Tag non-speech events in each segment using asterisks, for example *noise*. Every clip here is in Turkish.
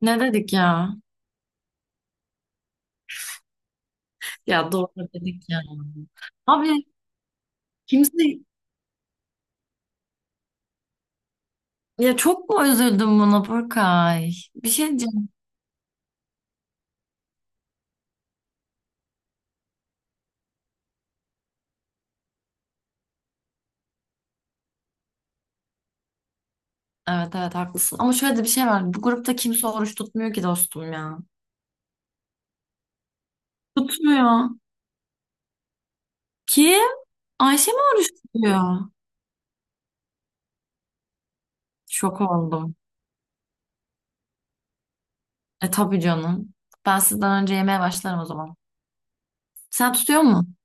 Ne dedik ya? Ya doğru dedik ya. Abi kimse, ya çok mu üzüldüm buna, Burkay? Bir şey diyeceğim. Evet evet, haklısın. Ama şöyle de bir şey var. Bu grupta kimse oruç tutmuyor ki, dostum ya. Tutmuyor. Kim? Ayşe mi oruç tutuyor? Şok oldum. E tabii canım. Ben sizden önce yemeye başlarım o zaman. Sen tutuyor musun?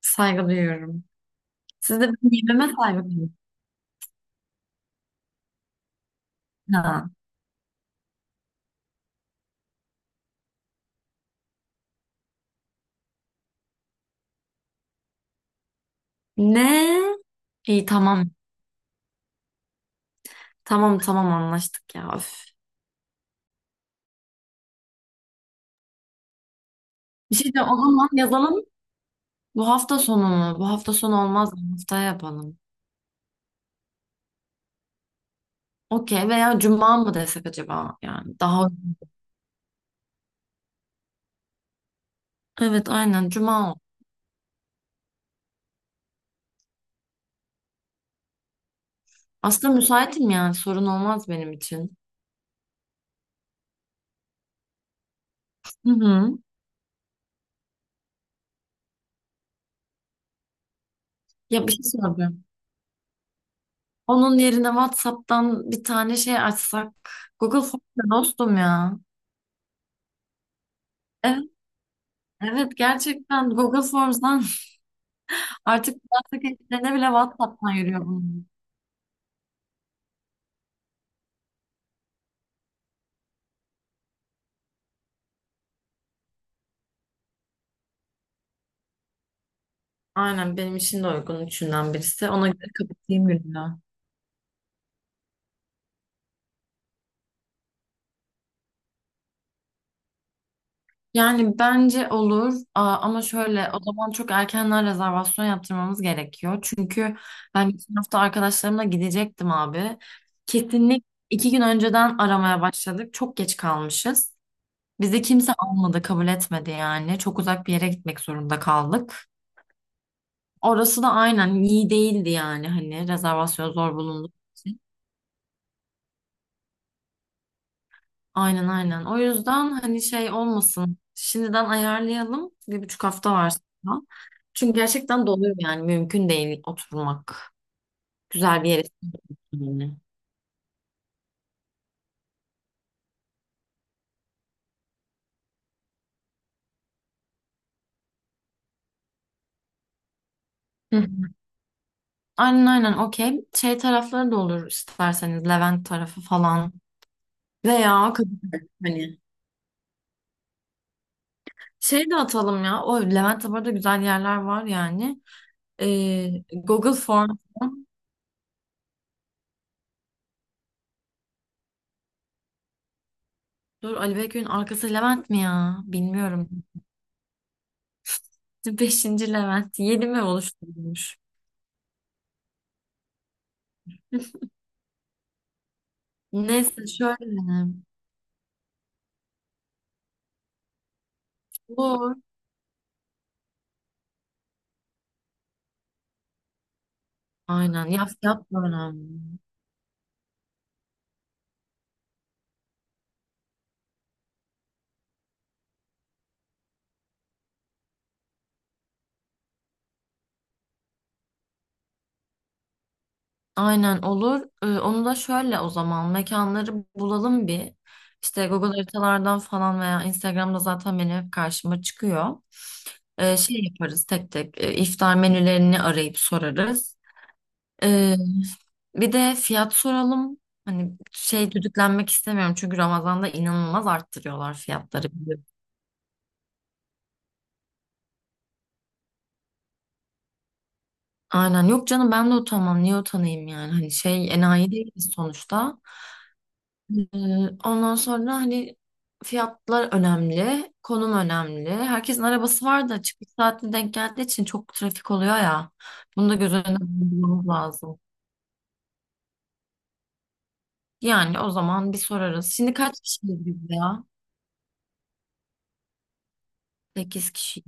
Saygı duyuyorum. Siz de benim yememe saygı duyun. Ha. Ne? İyi, tamam. Tamam tamam, anlaştık ya. Öf. Bir şey de o zaman yazalım. Bu hafta sonu mu? Bu hafta sonu olmaz mı? Haftaya yapalım. Okey, veya cuma mı desek acaba? Yani evet, aynen cuma. Aslında müsaitim, yani sorun olmaz benim için. Hı hı. Ya, bir şey soracağım. Onun yerine WhatsApp'tan bir tane şey açsak. Google Forms'ta, dostum ya. Evet, evet, gerçekten Google Forms'dan *laughs* artık WhatsApp ekiplerine bile WhatsApp'tan yürüyor bunun. Aynen, benim için de uygun üçünden birisi. Ona göre kapatayım gününü. Yani bence olur. Aa, ama şöyle, o zaman çok erkenden rezervasyon yaptırmamız gerekiyor. Çünkü ben geçen hafta arkadaşlarımla gidecektim abi. Kesinlik 2 gün önceden aramaya başladık. Çok geç kalmışız. Bizi kimse almadı, kabul etmedi yani. Çok uzak bir yere gitmek zorunda kaldık. Orası da aynen iyi değildi yani, hani rezervasyon zor bulundu. Aynen aynen. O yüzden hani şey olmasın. Şimdiden ayarlayalım. 1,5 hafta var sonra. Çünkü gerçekten doluyor yani. Mümkün değil oturmak. Güzel bir yere. Yani. Hı hı. Aynen aynen, okey. Şey tarafları da olur, isterseniz. Levent tarafı falan. Veya Kadıköy, hani şey de atalım ya. O, Levent'te bu arada güzel yerler var yani. Google Form. Dur, Ali Bekir'in arkası Levent mi ya? Bilmiyorum. *laughs* Beşinci Levent. Yedi mi oluşturulmuş? Neyse, şöyle. Olur. Aynen. Ya, fiyat da önemli. Aynen olur. Onu da şöyle, o zaman mekanları bulalım bir. İşte Google haritalardan falan, veya Instagram'da zaten benim hep karşıma çıkıyor. Şey yaparız tek tek, iftar menülerini arayıp sorarız. Ee, bir de fiyat soralım. Hani şey, düdüklenmek istemiyorum çünkü Ramazan'da inanılmaz arttırıyorlar fiyatları, biliyorum. Aynen, yok canım, ben de utanmam, niye utanayım yani, hani şey, enayi değiliz sonuçta. Ee, Ondan sonra hani fiyatlar önemli, konum önemli. Herkesin arabası var da çıkış saatine denk geldiği için çok trafik oluyor ya. Bunu da göz önüne bulundurmamız lazım. Yani o zaman bir sorarız. Şimdi kaç kişiyiz biz ya? Sekiz kişi.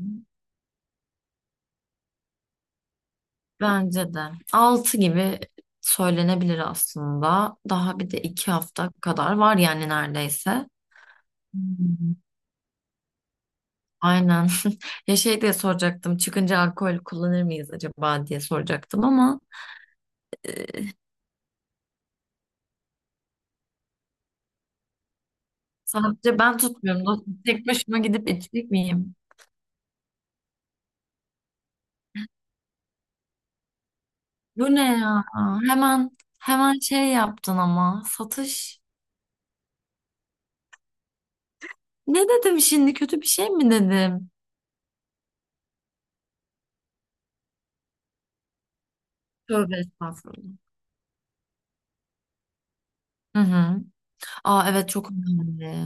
Bence de. 6 gibi söylenebilir aslında. Daha bir de 2 hafta kadar var yani, neredeyse. Hmm. Aynen. *laughs* Ya, şey diye soracaktım. Çıkınca alkol kullanır mıyız acaba diye soracaktım, ama. Sadece ben tutmuyorum, dostum. Tek başıma gidip içecek miyim? Bu ne ya? Hemen hemen şey yaptın ama. Satış. Ne dedim şimdi? Kötü bir şey mi dedim? Tövbe estağfurullah. Hı hı. Aa, evet, çok önemli.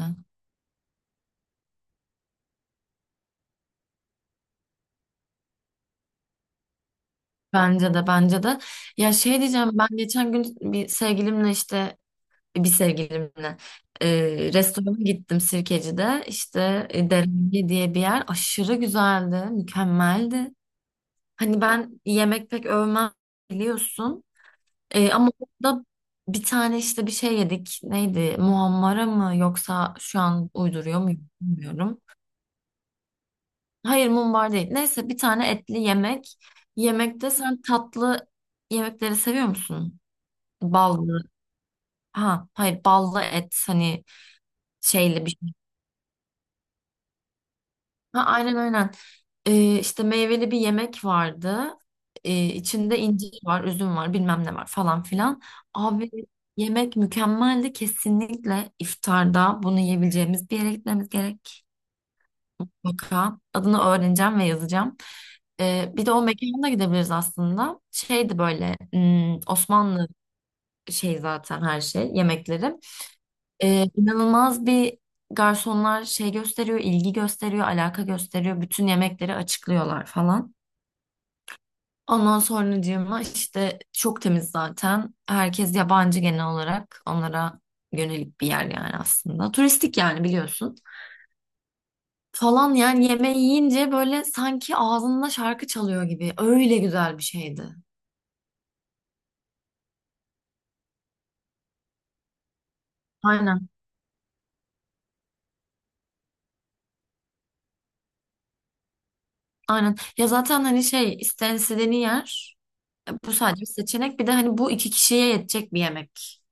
Bence de, bence de. Ya, şey diyeceğim, ben geçen gün bir sevgilimle restorana gittim Sirkeci'de. İşte Derenge diye bir yer. Aşırı güzeldi, mükemmeldi. Hani ben yemek pek övmem, biliyorsun. Ama orada bir tane işte bir şey yedik. Neydi? Muhammara mı, yoksa şu an uyduruyor muyum bilmiyorum. Hayır, mumbar değil. Neyse, bir tane etli yemek. Yemekte sen tatlı yemekleri seviyor musun? Ballı. Ha, hayır, ballı et, hani şeyli bir. Ha, aynen aynen. İşte meyveli bir yemek vardı. İçinde incir var, üzüm var, bilmem ne var falan filan. Abi, yemek mükemmeldi. Kesinlikle iftarda bunu yiyebileceğimiz bir yere gitmemiz gerek. Mutlaka. Adını öğreneceğim ve yazacağım. Bir de o mekana gidebiliriz aslında. Şeydi böyle, Osmanlı şey, zaten her şey yemekleri. İnanılmaz bir, garsonlar şey gösteriyor, ilgi gösteriyor, alaka gösteriyor. Bütün yemekleri açıklıyorlar falan. Ondan sonracığıma, işte çok temiz zaten. Herkes yabancı genel olarak. Onlara yönelik bir yer yani aslında. Turistik yani, biliyorsun. Falan, yani yemeği yiyince böyle sanki ağzında şarkı çalıyor gibi. Öyle güzel bir şeydi. Aynen. Aynen. Ya, zaten hani şey, istenildiğini yer. Bu sadece bir seçenek. Bir de hani, bu iki kişiye yetecek bir yemek.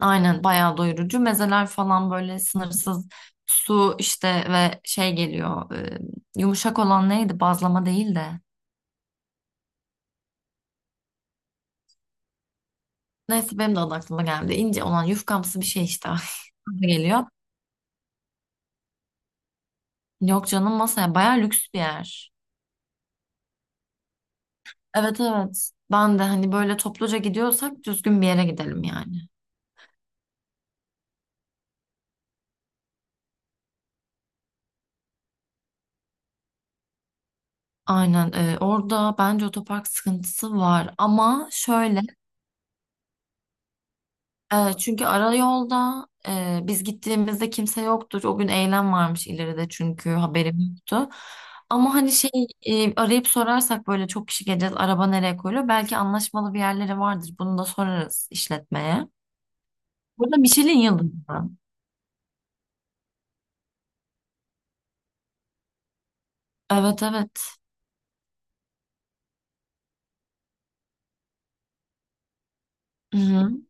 Aynen, bayağı doyurucu. Mezeler falan böyle sınırsız, su işte ve şey geliyor. Yumuşak olan neydi? Bazlama değil de. Neyse, benim de adı aklıma geldi. İnce olan yufkamsı bir şey işte. *laughs* Aklıma geliyor. Yok canım, masaya, bayağı lüks bir yer. Evet evet. Ben de hani, böyle topluca gidiyorsak düzgün bir yere gidelim yani. Aynen, orada bence otopark sıkıntısı var, ama şöyle. Çünkü ara yolda, biz gittiğimizde kimse yoktur. O gün eylem varmış ileride, çünkü haberim yoktu. Ama hani şey, arayıp sorarsak, böyle çok kişi geleceğiz, araba nereye koyuluyor? Belki anlaşmalı bir yerleri vardır. Bunu da sorarız işletmeye. Burada Michelin yıldızı. Evet evet. Hı-hı.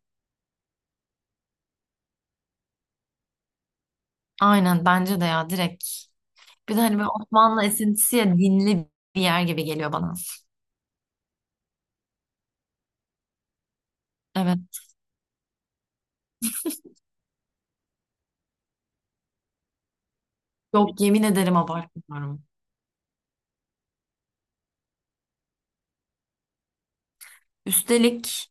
Aynen, bence de ya, direkt. Bir de hani böyle Osmanlı esintisi ya, dinli bir yer gibi geliyor bana. Evet. Yok, yemin ederim, abartmıyorum. Üstelik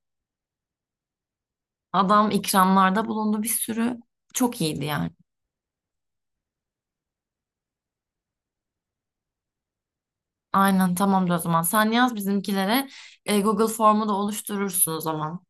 adam ikramlarda bulundu bir sürü. Çok iyiydi yani. Aynen, tamamdır o zaman. Sen yaz bizimkilere. Google formu da oluşturursun o zaman.